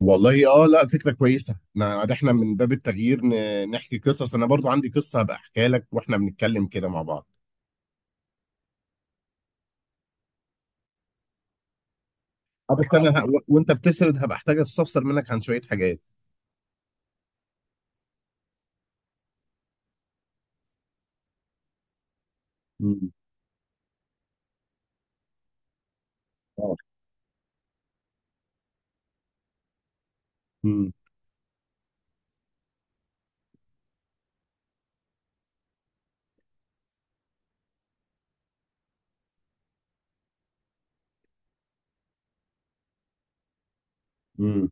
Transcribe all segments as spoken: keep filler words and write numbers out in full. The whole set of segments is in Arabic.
والله اه لا فكرة كويسة. انا ده احنا من باب التغيير ن- نحكي قصص، انا برضو عندي قصة هبقى احكيها لك واحنا بنتكلم كده مع بعض. اه بس انا ه... و- وانت بتسرد هبقى احتاج استفسر منك عن شوية حاجات. امم. اه. امم. امم.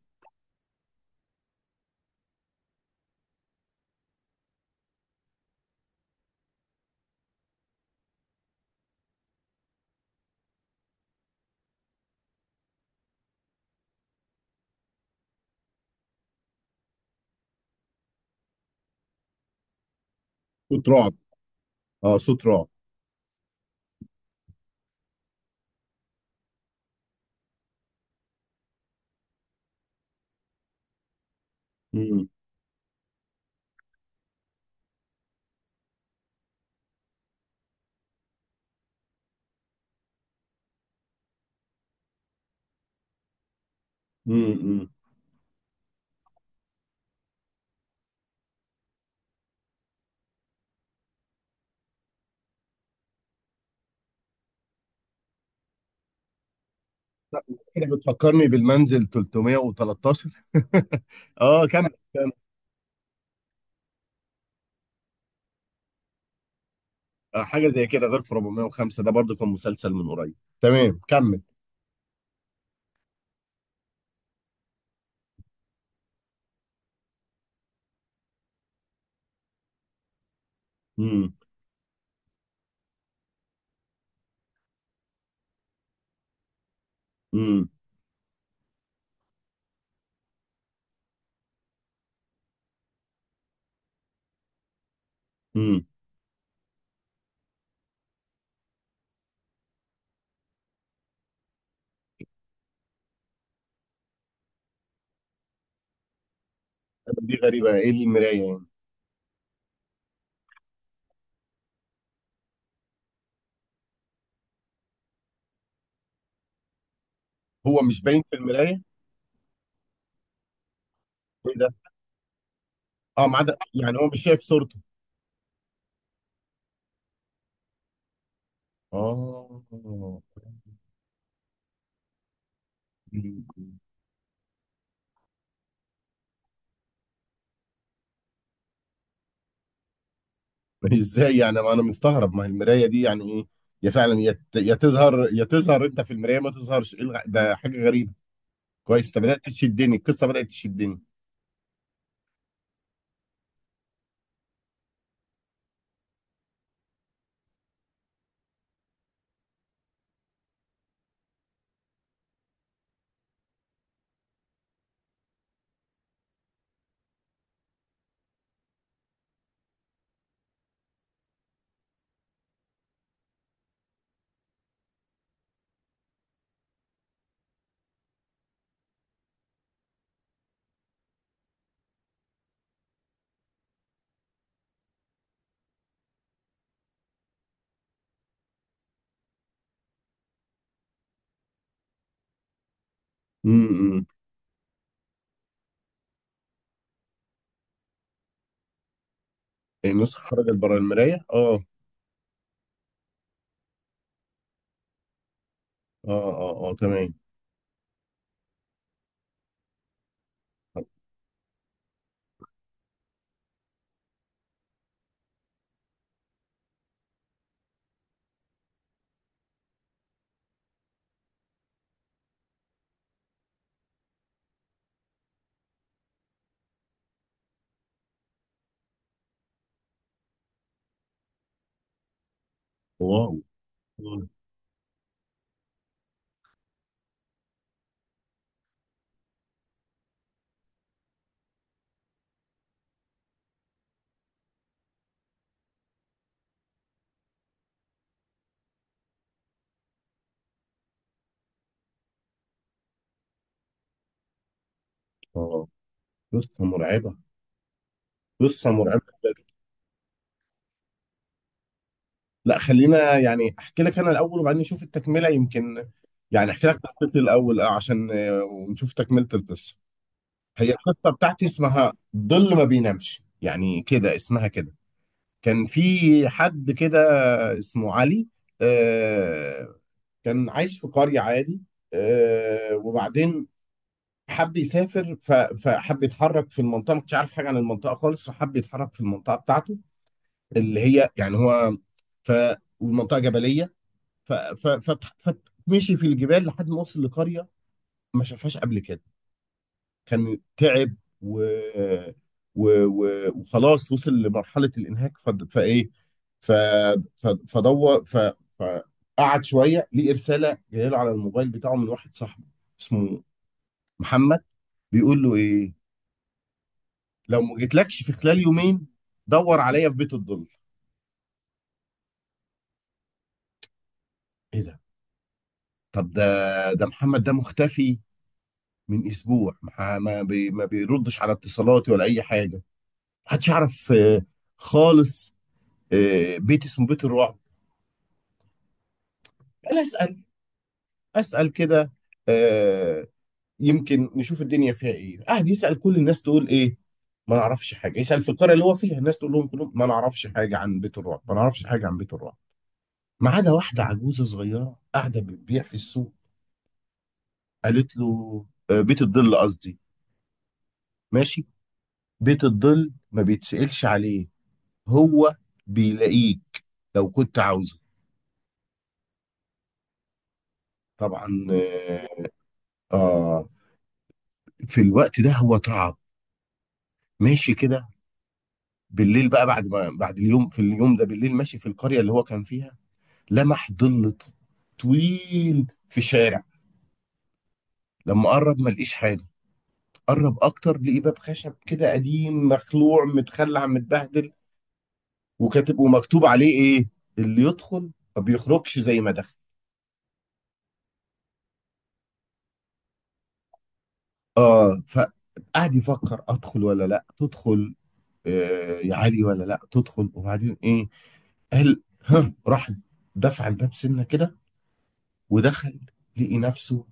صوت رعب. اه، صوت رعب. امم. امم. لا، كده بتفكرني بالمنزل تلاتمية وتلتاشر اه، كمل كمل. آه، حاجة زي كده، غير في أربعمائة وخمسة ده برضو كان مسلسل من قريب. تمام، كمل. امم. امم. امم. دي غريبة، ايه المراية يعني؟ هو مش باين في المرايه؟ ايه ده؟ اه، ما عدا يعني هو مش شايف صورته. اه مم. ازاي يعني؟ ما انا مستغرب، ما هي المرايه دي يعني ايه؟ يا فعلا يا ت- يا تظهر يا تظهر انت في المرايه، ما تظهرش. إيه الغ- ده حاجه غريبه. كويس، انت بدات تشدني القصه، بدات تشدني. امم. النسخه خرجت بره المرايه، اه. اه. اه، اه، تمام. واو. اه. آه. قصه مرعبه، قصه مرعبه. لا، خلينا يعني احكي لك انا الاول وبعدين نشوف التكمله يمكن. يعني احكي لك قصتي الاول، آه، عشان، آه، ونشوف تكمله القصه. هي القصه بتاعتي اسمها الظل ما بينامش، يعني كده اسمها كده. كان في حد كده اسمه علي، آه، كان عايش في قريه عادي. آه، وبعدين حب يسافر، ف- فحب يتحرك في المنطقه، ما كنتش عارف حاجه عن المنطقه خالص، فحب يتحرك في المنطقه بتاعته، اللي هي يعني هو. ف. والمنطقه جبليه. ف ف ف فمشي في الجبال لحد ما وصل لقرية ما شافهاش قبل كده. كان تعب و... و... و... وخلاص، وصل لمرحلة الإنهاك. ف... فإيه ف... ف... فدور. ف... فقعد شوية، ليه رسالة جاية له على الموبايل بتاعه من واحد صاحبه اسمه محمد، بيقول له إيه: لو ما جيتلكش في خلال يومين، دور عليا في بيت الظل. إيه ده؟ طب ده، ده محمد ده مختفي من اسبوع، ما ما بي ما بيردش على اتصالاتي ولا اي حاجه، محدش يعرف، آه، خالص. آه، بيت اسمه بيت الرعب. انا اسال، اسال كده، آه، يمكن نشوف الدنيا فيها ايه. قاعد يسال كل الناس تقول ايه؟ ما نعرفش حاجه. يسال في القريه اللي هو فيها، الناس تقول لهم كلهم ما نعرفش حاجه عن بيت الرعب، ما نعرفش حاجه عن بيت الرعب، ما عدا واحده عجوزه صغيره قاعده بتبيع في السوق. قالت له آه، بيت الظل قصدي، ماشي، بيت الظل ما بيتسألش عليه، هو بيلاقيك لو كنت عاوزه. طبعا آه. آه، في الوقت ده هو اترعب. ماشي كده، بالليل بقى، بعد ما بعد اليوم، في اليوم ده بالليل ماشي في القرية اللي هو كان فيها، لمح ظل ط- طويل في شارع. لما قرب ما لقيش حاجة، قرب أكتر، لقي باب خشب كده قديم مخلوع متخلع متبهدل، وكاتب ومكتوب عليه إيه: اللي يدخل ما بيخرجش زي ما دخل. آه، فقعد يفكر أدخل ولا لأ تدخل، آه، يا عالي، ولا لا تدخل؟ وبعدين ايه؟ قال ها، راح دفع الباب سنه كده ودخل، لقي نفسه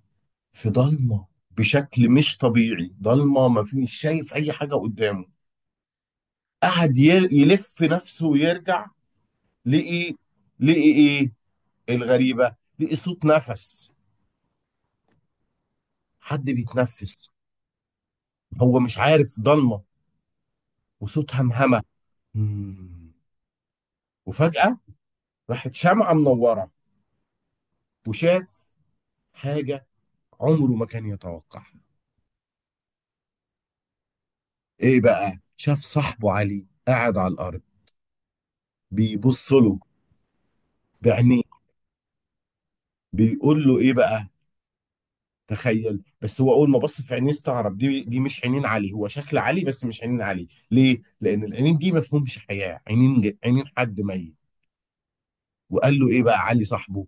في ضلمه بشكل مش طبيعي، ضلمه ما فيش شايف اي حاجه قدامه. قعد ي- يلف نفسه ويرجع، لقي لقي ايه الغريبه؟ لقي صوت نفس، حد بيتنفس، هو مش عارف، ضلمه، وصوت همهمه. مم. وفجاه راحت شمعه منوره وشاف حاجه عمره ما كان يتوقعها. ايه بقى؟ شاف صاحبه علي قاعد على الارض بيبص له بعينيه، بيقول له ايه بقى. تخيل بس، هو اول ما بص في عينيه استغرب، دي دي مش عينين علي، هو شكل علي بس مش عينين علي، ليه؟ لان العينين دي ما فيهمش حياه، عينين ج- عينين حد ميت. وقال له ايه بقى علي صاحبه؟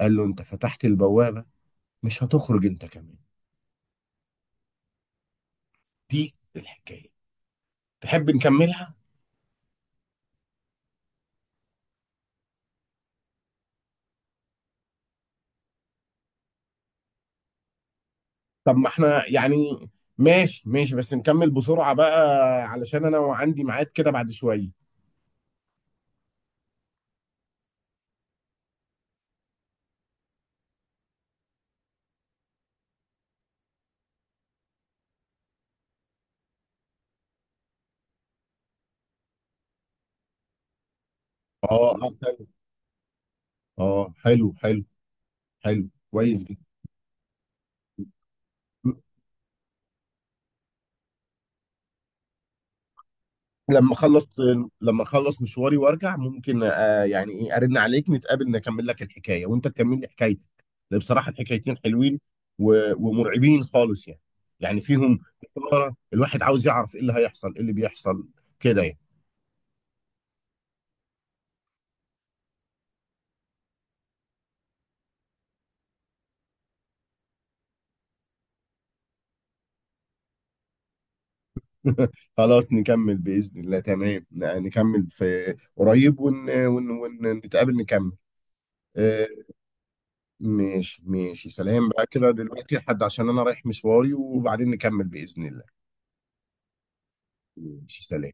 قال له انت فتحت البوابه، مش هتخرج انت كمان. دي الحكايه، تحب نكملها؟ طب ما احنا يعني، ماشي ماشي، بس نكمل بسرعه بقى، علشان انا عندي ميعاد كده بعد شويه. اه، اه، حلو حلو، حلو، كويس جدا. لما اخلص، لما اخلص مشواري وارجع ممكن آه، يعني ايه، ارن عليك، نتقابل، نكمل لك الحكايه وانت تكمل لي حكايتك، لأن بصراحه الحكايتين حلوين و- ومرعبين خالص يعني، يعني فيهم إثارة، الواحد عاوز يعرف ايه اللي هيحصل، ايه اللي بيحصل كده يعني. خلاص نكمل باذن الله، تمام، نكمل في قريب ونتقابل ون... ون... ون- نتقابل نكمل. آه، ماشي ماشي، سلام بقى كده دلوقتي لحد، عشان انا رايح مشواري وبعدين نكمل بإذن الله. ماشي، سلام.